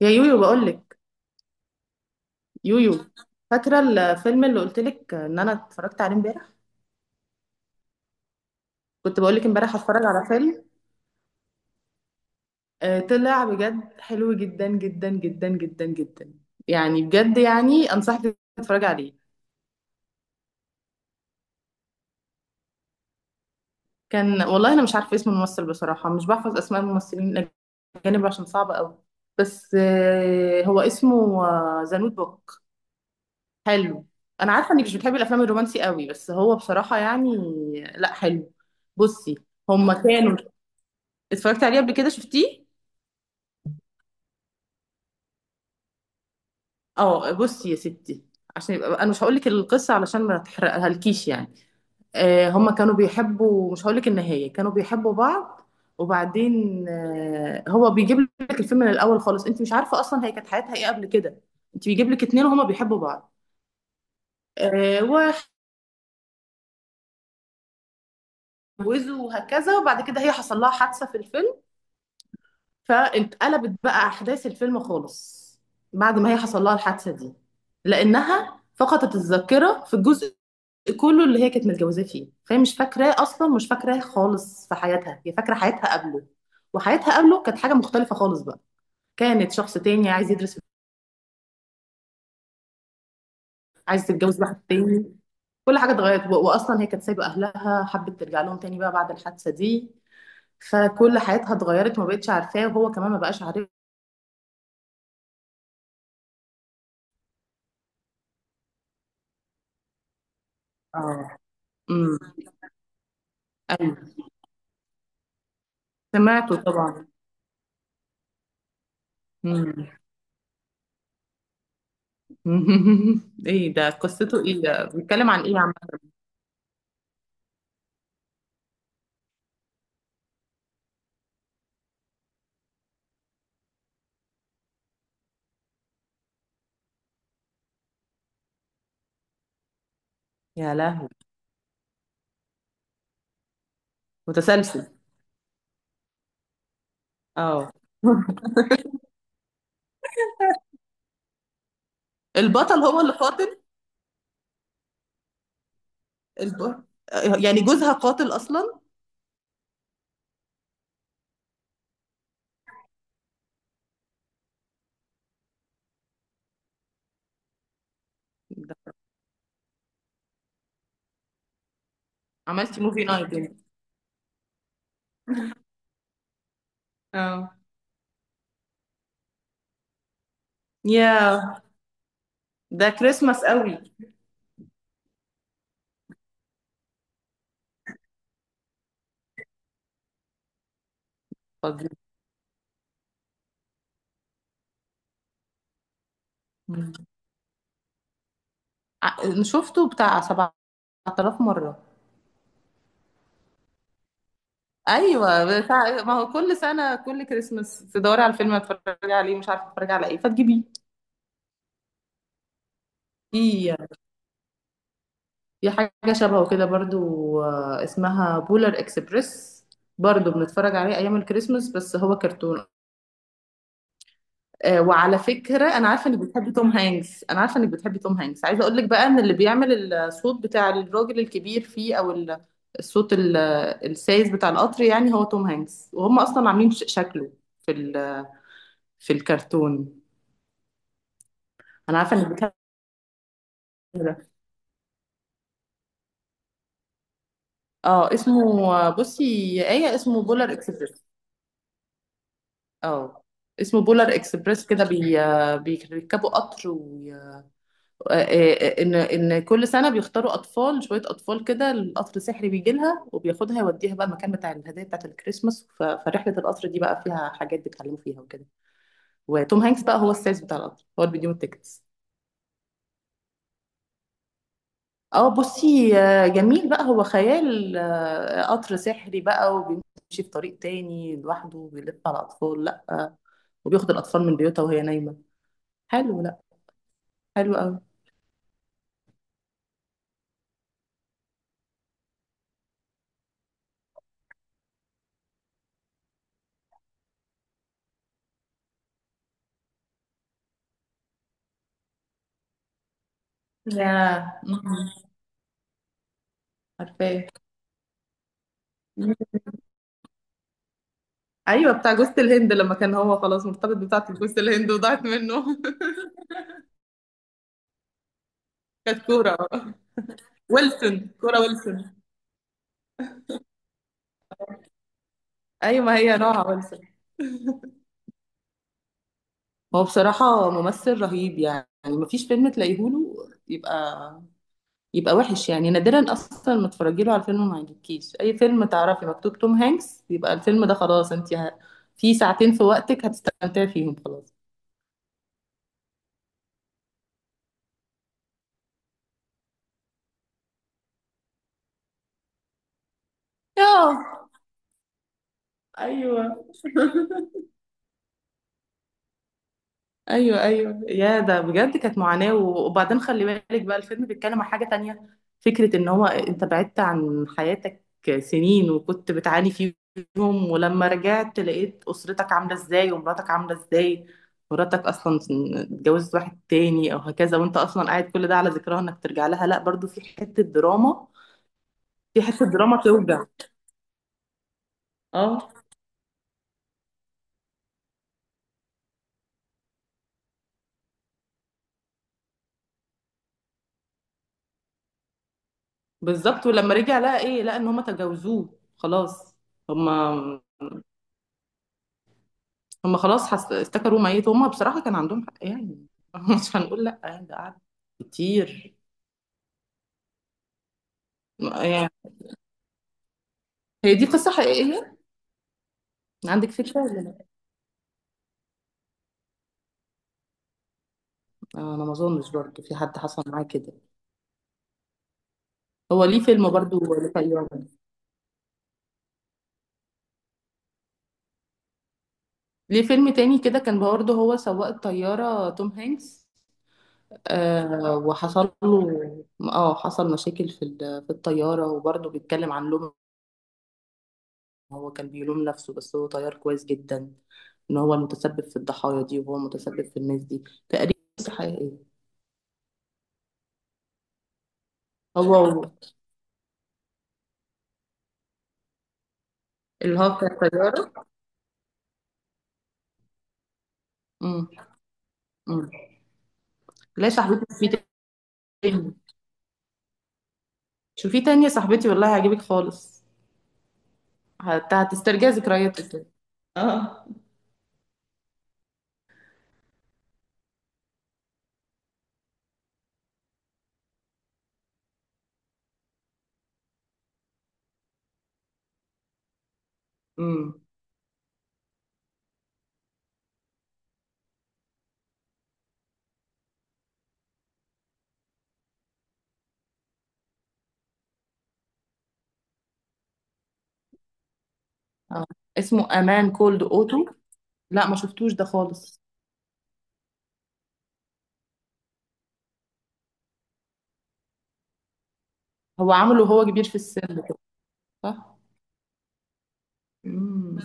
يا يويو بقولك. يويو، فاكرة الفيلم اللي قلتلك ان انا اتفرجت عليه امبارح؟ كنت بقولك امبارح هتفرج على فيلم. طلع بجد حلو جدا جدا جدا جدا جدا. يعني بجد، يعني انصحك تتفرج عليه. كان والله انا مش عارفة اسم الممثل، بصراحة مش بحفظ اسماء الممثلين الاجانب عشان صعبة قوي. بس هو اسمه ذا نوت بوك. حلو. انا عارفة انك مش بتحبي الافلام الرومانسي قوي، بس هو بصراحة يعني لا حلو. بصي، هما كانوا اتفرجت عليه قبل كده؟ شفتيه؟ اه بصي يا ستي، عشان يبقى انا مش هقول لك القصه علشان ما تحرقها لكيش يعني. آه هما كانوا بيحبوا، مش هقول لك النهايه، كانوا بيحبوا بعض. وبعدين آه هو بيجيب لك الفيلم من الاول خالص، انت مش عارفه اصلا هي كانت حياتها ايه قبل كده. انت بيجيب لك اتنين وهما بيحبوا بعض. آه واتجوزوا وهكذا، وبعد كده هي حصل لها حادثه في الفيلم. فاتقلبت بقى احداث الفيلم خالص بعد ما هي حصل لها الحادثه دي، لانها فقدت الذاكره في الجزء كله اللي هي كانت متجوزاه فيه، فهي مش فاكراه اصلا، مش فاكراه خالص في حياتها، هي فاكره حياتها قبله. وحياتها قبله كانت حاجه مختلفه خالص بقى، كانت شخص تاني عايز يدرس، عايز تتجوز واحد تاني، كل حاجه اتغيرت واصلا هي كانت سايبه اهلها، حبت ترجع لهم تاني بقى بعد الحادثه دي. فكل حياتها اتغيرت، ما بقتش عارفاه وهو كمان ما بقاش عارف. اه. امم ايوه سمعته طبعا. امم. ايه ده؟ قصته ايه؟ ده بيتكلم عن ايه يا عم؟ يا لهوي، متسلسل؟ اه. البطل هو اللي قاتل؟ الب... يعني جوزها قاتل اصلا؟ ده. عملتي موفي نايت يعني؟ اه. يا ده كريسماس قوي. فظيع. مم. شفته بتاع 7000 مرة. ايوه بتاع ما هو كل سنة كل كريسماس تدوري على الفيلم، هتتفرجي عليه مش عارفة تتفرجي على ايه فتجيبيه. في حاجة شبهه كده برضو، اسمها بولر اكسبريس، برضو بنتفرج عليه ايام الكريسماس بس هو كرتون. وعلى فكرة أنا عارفة إنك بتحبي توم هانكس، أنا عارفة إنك بتحبي توم هانكس، عايزة أقول لك بقى إن اللي بيعمل الصوت بتاع الراجل الكبير فيه أو الصوت السايس بتاع القطر، يعني هو توم هانكس وهم أصلا عاملين شكله في في الكرتون. أنا عارفة إنك بتحبي ده. أه اسمه بصي يا آية، اسمه بولار إكسبريس. أه اسمه بولار إكسبريس، كده بي بيركبوا قطر. ان كل سنه بيختاروا اطفال، شويه اطفال كده، القطر السحري بيجي لها وبياخدها، يوديها بقى المكان بتاع الهدايا بتاعه الكريسماس. فرحله القطر دي بقى فيها حاجات بيتعلموا فيها وكده. وتوم هانكس بقى هو السايس بتاع القطر، هو اللي بيديهم التيكتس. اه بصي، جميل بقى، هو خيال، قطر سحري بقى وبيمشي في طريق تاني لوحده وبيلف على اطفال، لا وبياخد الاطفال من بيوتها وهي نايمه. حلو لا، حلو قوي. يا، نعم. عارفاه، ايوه بتاع جوز الهند، لما كان هو خلاص مرتبط بتاعة جوز الهند وضاعت منه. كانت كورة ويلسون، كورة ويلسون. ايوه ما هي نوعها ويلسون. هو بصراحة ممثل رهيب، يعني مفيش فيلم تلاقيه له يبقى يبقى وحش، يعني نادرا اصلا ما تتفرجي له على فيلم ما يعجبكيش. اي فيلم تعرفي مكتوب توم هانكس يبقى الفيلم ده خلاص، انت في ساعتين في وقتك هتستمتعي فيهم خلاص. اه. ايوه. ايوه ايوه، يا ده بجد كانت معاناه. وبعدين خلي بالك بقى الفيلم بيتكلم عن حاجه تانية، فكره ان هو انت بعدت عن حياتك سنين وكنت بتعاني فيهم، ولما رجعت لقيت اسرتك عامله ازاي ومراتك عامله ازاي. مراتك اصلا اتجوزت واحد تاني او هكذا، وانت اصلا قاعد كل ده على ذكرها انك ترجع لها، لا برضو في حته دراما، في حته دراما توجع. اه. بالظبط، ولما رجع لقى ايه؟ لقى ان هما تجاوزوه خلاص. هما، خلاص افتكروا ميت. هم بصراحة كان عندهم حق يعني، مش هنقول لأ يعني، ده قعد كتير يعني. هي دي قصة حقيقية، عندك فكرة ولا لأ؟ أنا ما أظنش برضه في حد حصل معاه كده. هو ليه فيلم برضه لطيارة، ليه فيلم تاني كده كان برضه هو سواق الطيارة توم هانكس. آه وحصل له اه حصل مشاكل في في الطيارة، وبرضه بيتكلم عن لوم، هو كان بيلوم نفسه بس هو طيار كويس جدا، ان هو المتسبب في الضحايا دي وهو المتسبب في الناس دي. تقريبا قصة حقيقية. هو و- اللي هو بتاع الطيارة. امم. امم. لا يا صاحبتي، شوفي تاني، شوفي تاني يا صاحبتي، والله هيعجبك خالص، هتسترجعي ذكرياتك كده. اه. امم. اه اسمه امان كولد اوتو، لا ما شفتوش ده خالص. هو عامله وهو كبير في السن كده، صح. امم.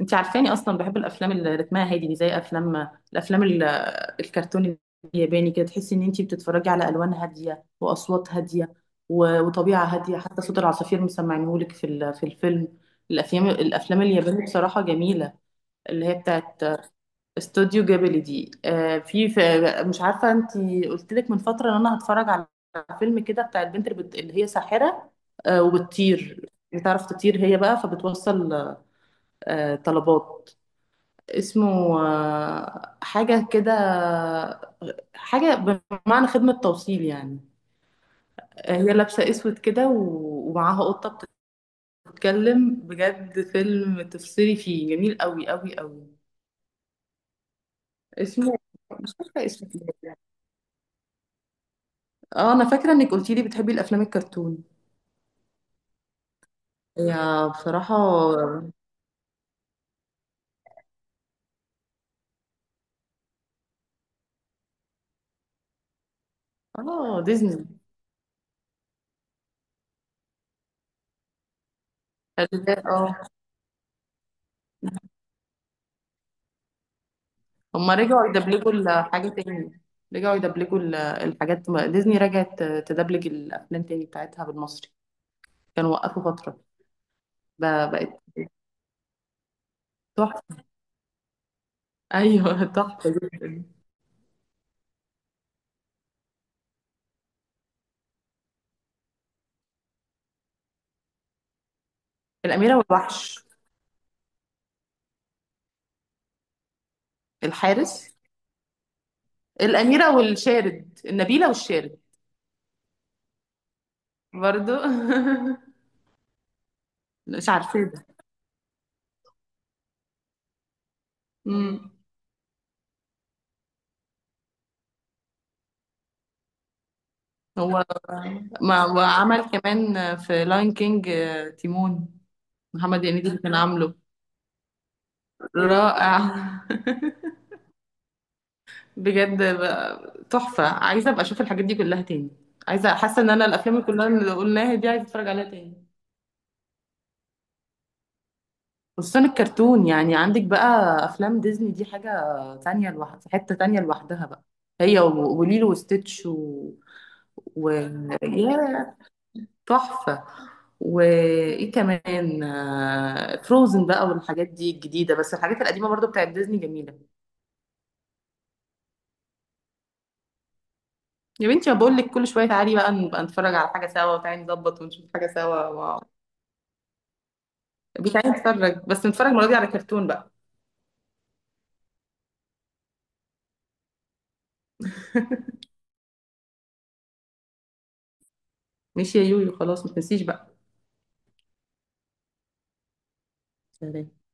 انت عارفاني اصلا بحب الافلام اللي رتمها هادي دي، زي افلام الافلام الكرتون الياباني كده، تحسي ان انت بتتفرجي على الوان هاديه واصوات هاديه وطبيعه هاديه، حتى صوت العصافير مسمعينهولك في في الفيلم. الافلام، الافلام اليابانيه بصراحه جميله، اللي هي بتاعت استوديو جابلي دي. في مش عارفه انت قلت لك من فتره ان انا هتفرج على فيلم كده بتاع البنت اللي, اللي هي ساحره، وبتطير، بتعرف تطير هي بقى فبتوصل طلبات. اسمه حاجة كده، حاجة بمعنى خدمة توصيل يعني. هي لابسة اسود كده ومعاها قطة بتتكلم، بجد فيلم تفصلي فيه جميل قوي قوي قوي. اسمه، مش فاكرة اسمه كده. اه انا فاكرة انك قلتي لي بتحبي الافلام الكرتون. هي بصراحة اه ديزني. اه هما رجعوا يدبلجوا الحاجة تاني، رجعوا يدبلجوا الحاجات، ديزني رجعت تدبلج الافلام تاني بتاعتها بالمصري. كانوا وقفوا فترة، ده بقت تحفة. أيوه. تحفة جدا. الأميرة والوحش، الحارس، الأميرة والشارد النبيلة والشارد، برضو. مش عارفة ده. مم. هو، ما وعمل كمان في لاين كينج، تيمون، محمد هنيدي اللي كان عامله. رائع. بجد بقى تحفة، عايزة أبقى أشوف الحاجات دي كلها تاني، عايزة حاسة إن أنا الأفلام اللي كلها اللي قلناها دي عايزة أتفرج عليها تاني. خصوصا الكرتون، يعني عندك بقى افلام ديزني دي حاجه تانية لوحدها، في حته تانية لوحدها بقى. هي وليلو وستitch و... و... يا، تحفه. وايه كمان، فروزن بقى والحاجات دي الجديده، بس الحاجات القديمه برضو بتاعت ديزني جميله. يا بنتي بقول لك، كل شويه تعالي بقى نبقى نتفرج على حاجه سوا، وتعالي نظبط ونشوف حاجه سوا. و... بتعالي نتفرج، بس نتفرج المره دي على كرتون بقى. ماشي يا يويو، خلاص ما تنسيش بقى. سلام.